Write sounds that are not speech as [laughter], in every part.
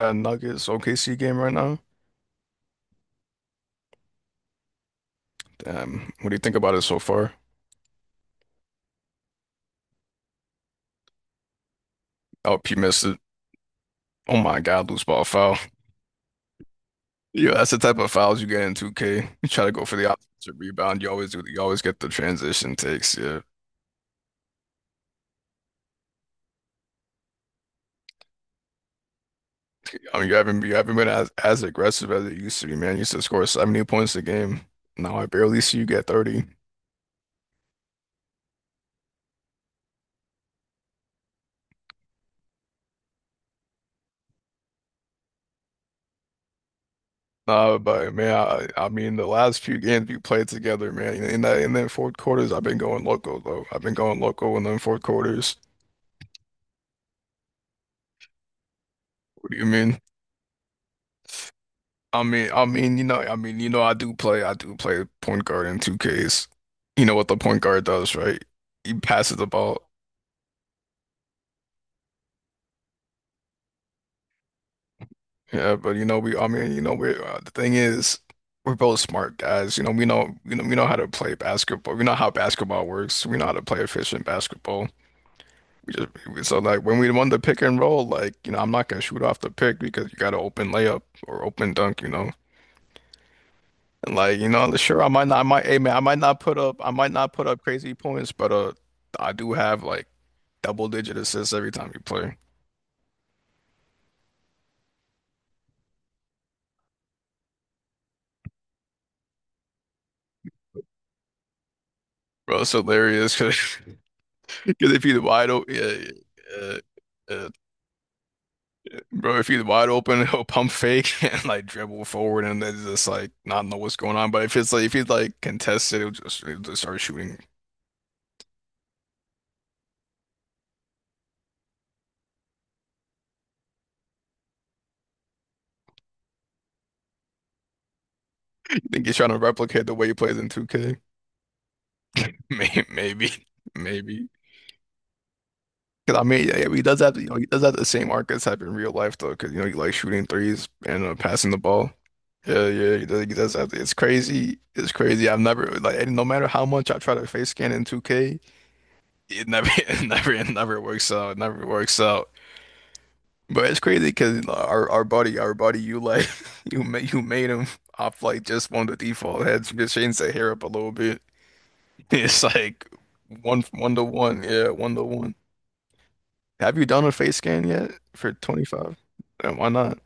Nuggets OKC game right now. Damn, what do you think about it so far? Oh, LP missed it. Oh my God, loose ball foul. [laughs] Yeah, that's the type of fouls you get in 2K. You try to go for the offensive rebound. You always do. You always get the transition takes. Yeah, I mean you haven't been as aggressive as it used to be, man. You used to score 70 points a game. Now I barely see you get 30. But man, I mean the last few games we played together, man. In then fourth quarters, I've been going loco though. I've been going loco in them fourth quarters. What do you mean? I mean, you know, I mean, you know, I do play point guard in 2Ks. You know what the point guard does, right? He passes the ball. Yeah, but you know, I mean, you know, the thing is, we're both smart guys. You know, we know, you know, we know how to play basketball. We know how basketball works. We know how to play efficient basketball. We just, so like when we won the pick and roll, like, you know, I'm not gonna shoot off the pick because you got to open layup or open dunk, you know. And like, you know, sure, I might not, I might, hey man, I might not put up crazy points, but I do have like double digit assists every time you play. Bro, it's hilarious because [laughs] if he's wide open, yeah, uh, uh, bro, if he's wide open, [laughs] he'll pump fake [laughs] and like dribble forward and then just like not know what's going on. But if he's like contested, he'll just start shooting. [laughs] I think he's trying to replicate the way he plays in 2K. May- [laughs] Maybe, maybe, maybe. Cause I mean, yeah, yeah, he does have you know he does have the same arc as have in real life though, because you know he likes shooting threes and passing the ball. Yeah, yeah, he does have it's crazy. It's crazy. I've never like And no matter how much I try to face scan in 2K, it never [laughs] it never works out. It never works out. But it's crazy because our buddy, you like [laughs] you made him off like just one of the default heads. Just change the hair up a little bit. [laughs] It's like one to one. Yeah, one to one. Have you done a face scan yet for 25? And why not?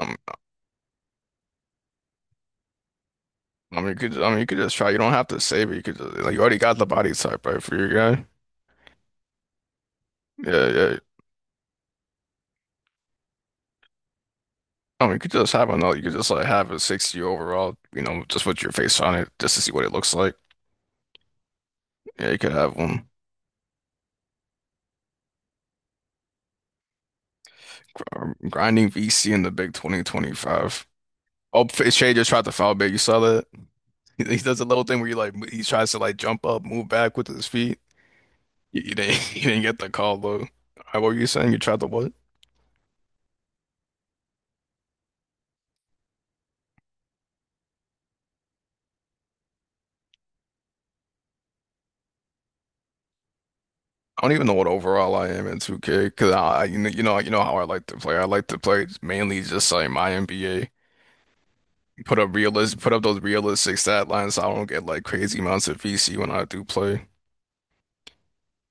Um, I mean, I mean, you could just try. You don't have to save it. You could just, like, You already got the body type, right, for your guy. Yeah, yeah. I mean, you could just have another. You could just like have a 60 overall. You know, just with your face on it, just to see what it looks like. Yeah, you could have one. Grinding VC in the big 2025. Oh, Shay just tried to foul bait. You saw that? [laughs] He does a little thing where you like he tries to like jump up, move back with his feet. You didn't, [laughs] you didn't get the call though. What were you saying? You tried to what? I don't even know what overall I am in 2K because I you know how I like to play. I like to play mainly just like my NBA. Put up those realistic stat lines so I don't get like crazy amounts of VC when I do play.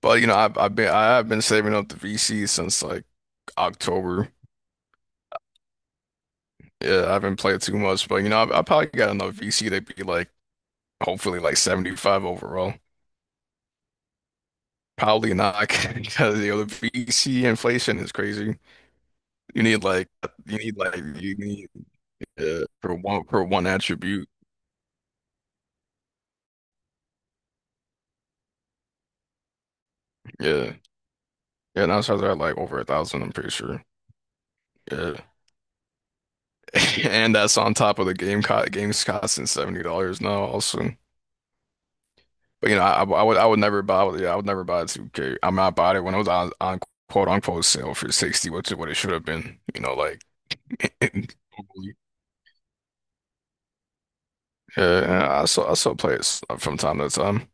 But you know I have been saving up the VC since like October. Yeah, I haven't played too much, but you know I probably got enough VC to be like hopefully like 75 overall. Probably not [laughs] because you know the VC inflation is crazy. You need like you need. Yeah, for one attribute. Yeah, yeah. Now Charizard had like over a thousand. I'm pretty sure. Yeah, [laughs] and that's on top of the game's costing $70 now. Also, but you know, I would never buy. Yeah, I would never buy 2K. I mean, I bought it when it was on quote unquote sale for 60, which is what it should have been. You know, like [laughs] yeah. And I still play it from time to time.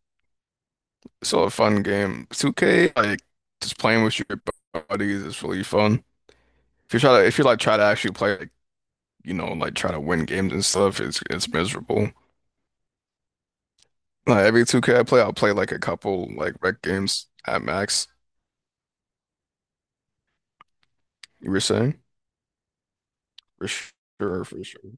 It's still a fun game. 2K, like just playing with your buddies is really fun. If you like try to actually play, you know, like try to win games and stuff, it's miserable. Like every 2K I play, I'll play like a couple like rec games at max. You were saying? For sure, for sure.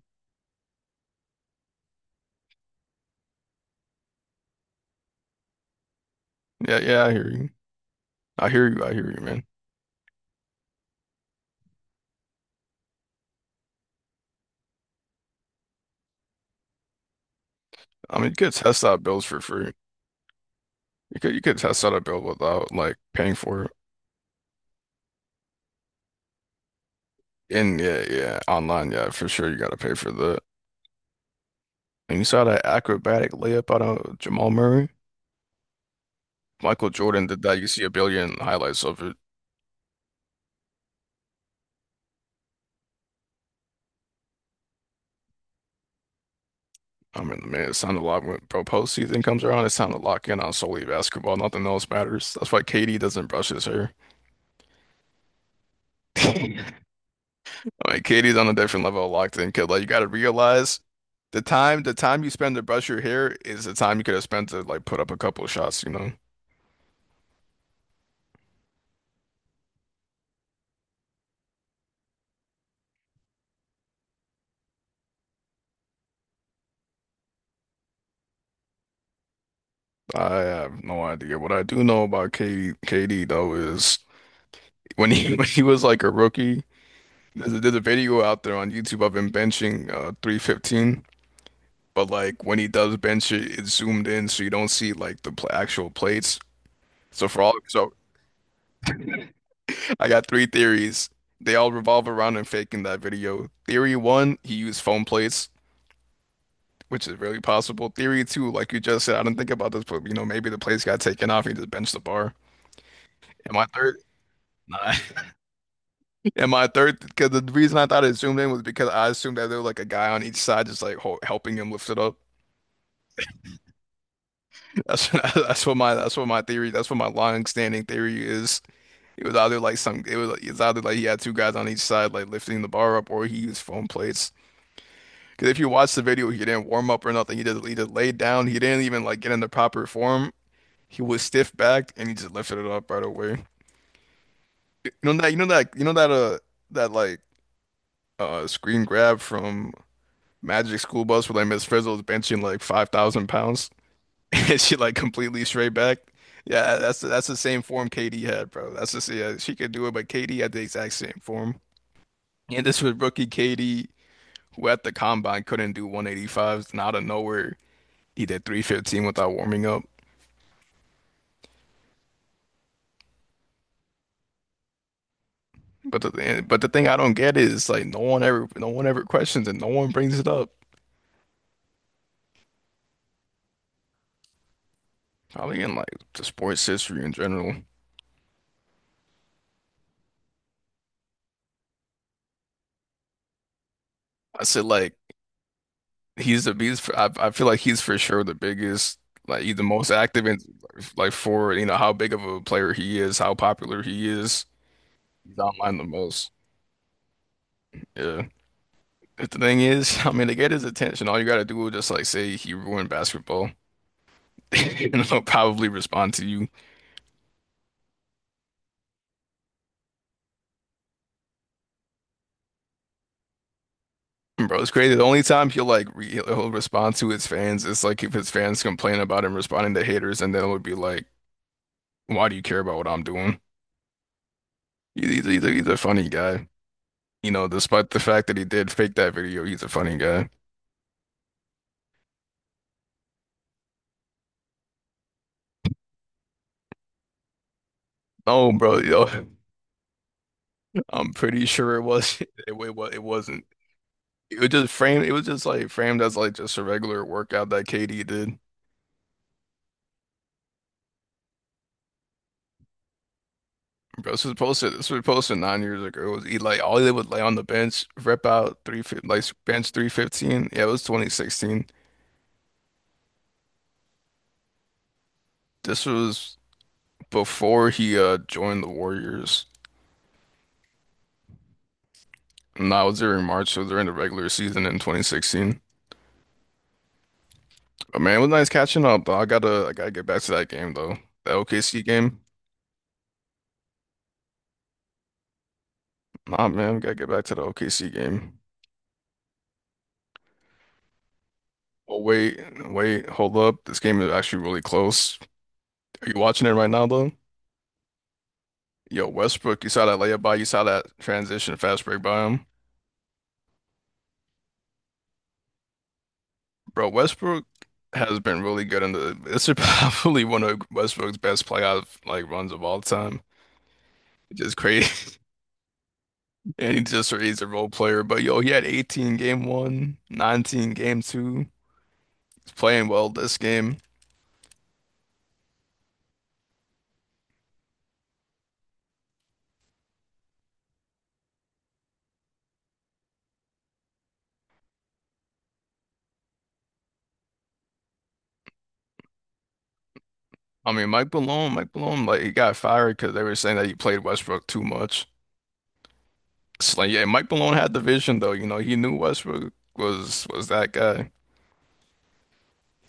Yeah, yeah, I hear you. I hear you. I hear you, man. I mean, you could test out builds for free. You could test out a build without like paying for it. And yeah, yeah, online, yeah, for sure, you gotta pay for that. And you saw that acrobatic layup out of Jamal Murray? Michael Jordan did that. You see a billion highlights of it. I mean, man, it sounded a lot when pro postseason comes around. It sounded to lock in on solely basketball. Nothing else matters. That's why KD doesn't brush his hair. [laughs] I mean, KD's on a different level of locked in kid. Like you got to realize the time you spend to brush your hair is the time you could have spent to like put up a couple of shots. You know, I have no idea. What I do know about KD though is when he [laughs] when he was like a rookie, there's a video out there on YouTube of him benching 315. But like when he does bench it, it's zoomed in so you don't see like the pl actual plates. So [laughs] I got three theories. They all revolve around him faking that video. Theory one, he used foam plates, which is really possible. Theory two, like you just said, I didn't think about this, but you know maybe the plates got taken off. He just benched the bar. And my third, Nah. [laughs] And my third, because the reason I thought it zoomed in was because I assumed that there was like a guy on each side just like ho helping him lift it up. That's [laughs] that's what my theory. That's what my long standing theory is. It was either like some, it was, It's either like he had two guys on each side like lifting the bar up, or he used foam plates. Because if you watch the video, he didn't warm up or nothing. He just laid down. He didn't even like get into proper form. He was stiff backed and he just lifted it up right away. You know that that like screen grab from Magic School Bus where like Miss Frizzle's benching like 5,000 pounds [laughs] and she like completely straight back. Yeah, that's the same form KD had, bro. That's the Yeah, she could do it, but KD had the exact same form. And this was rookie KD, who at the combine couldn't do 185s, and out of nowhere he did 315 without warming up. But the but the thing I don't get is like no one ever questions it, no one brings it up. Probably in like the sports history in general. I said like he's the biggest. I feel like he's for sure the biggest, like he's the most active in, like, for you know how big of a player he is, how popular he is. He's online the most. Yeah. But the thing is, [laughs] I mean, to get his attention, all you gotta do is just like say he ruined basketball, [laughs] and he'll probably respond to you. Bro, it's crazy. The only time he'll like re he'll respond to his fans is like if his fans complain about him responding to haters, and then it would be like, "Why do you care about what I'm doing?" He's a funny guy, you know. Despite the fact that he did fake that video, he's a funny guy. Oh, bro, yo, [laughs] I'm pretty sure it was [laughs] it wasn't. It was just framed. It was just like framed as like just a regular workout that KD did. Bro, this was posted. This was posted 9 years ago. It was Eli. All they would lay on the bench, rep out 315. Yeah, it was 2016. This was before he joined the Warriors. And that was during March, so during the regular season in 2016. But man, it was nice catching up. Though I gotta get back to that game though. The OKC game. Nah, man, we gotta get back to the OKC game. Oh wait, wait, hold up. This game is actually really close. Are you watching it right now though? Yo, Westbrook, you saw that transition fast break by him. Bro, Westbrook has been really good in the this is [laughs] probably one of Westbrook's best playoff like runs of all time. Just crazy. [laughs] And he's a role player. But yo, he had 18 game one, 19 game two. He's playing well this game. I mean, Mike Malone, like he got fired because they were saying that he played Westbrook too much. It's like, yeah, Mike Malone had the vision though. You know, he knew Westbrook was that guy.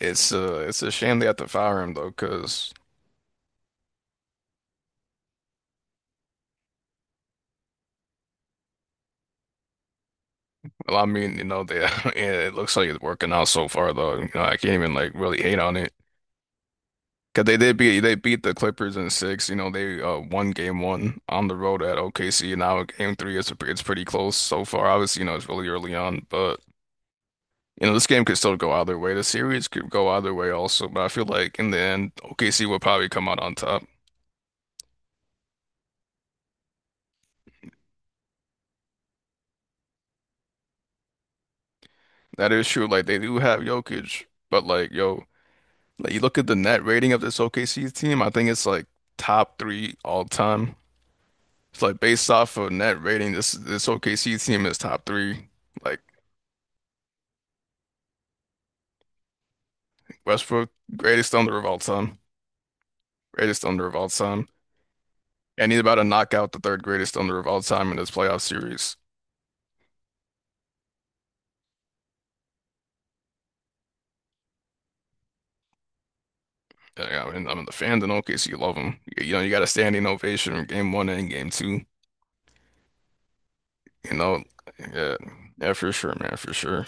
It's a shame they have to fire him though, because well, I mean, you know, they [laughs] yeah, it looks like it's working out so far though. You know, I can't even like really hate on it because they beat the Clippers in six. You know, they won game one on the road at OKC. Now game three is it's pretty close so far. Obviously, you know, it's really early on, but you know, this game could still go either way. The series could go either way also, but I feel like in the end, OKC will probably come out on top. That is true. Like they do have Jokic, but like yo. Like you look at the net rating of this OKC team, I think it's like top three all time. It's like based off of net rating, this OKC team is top three. Like Westbrook, greatest thunder of all time, greatest thunder of all time, and he's about to knock out the third greatest thunder of all time in this playoff series. And, I mean, the fans in OKC love him. You know, you got a standing ovation in game one and game two. You know, yeah, yeah, for sure, man, for sure.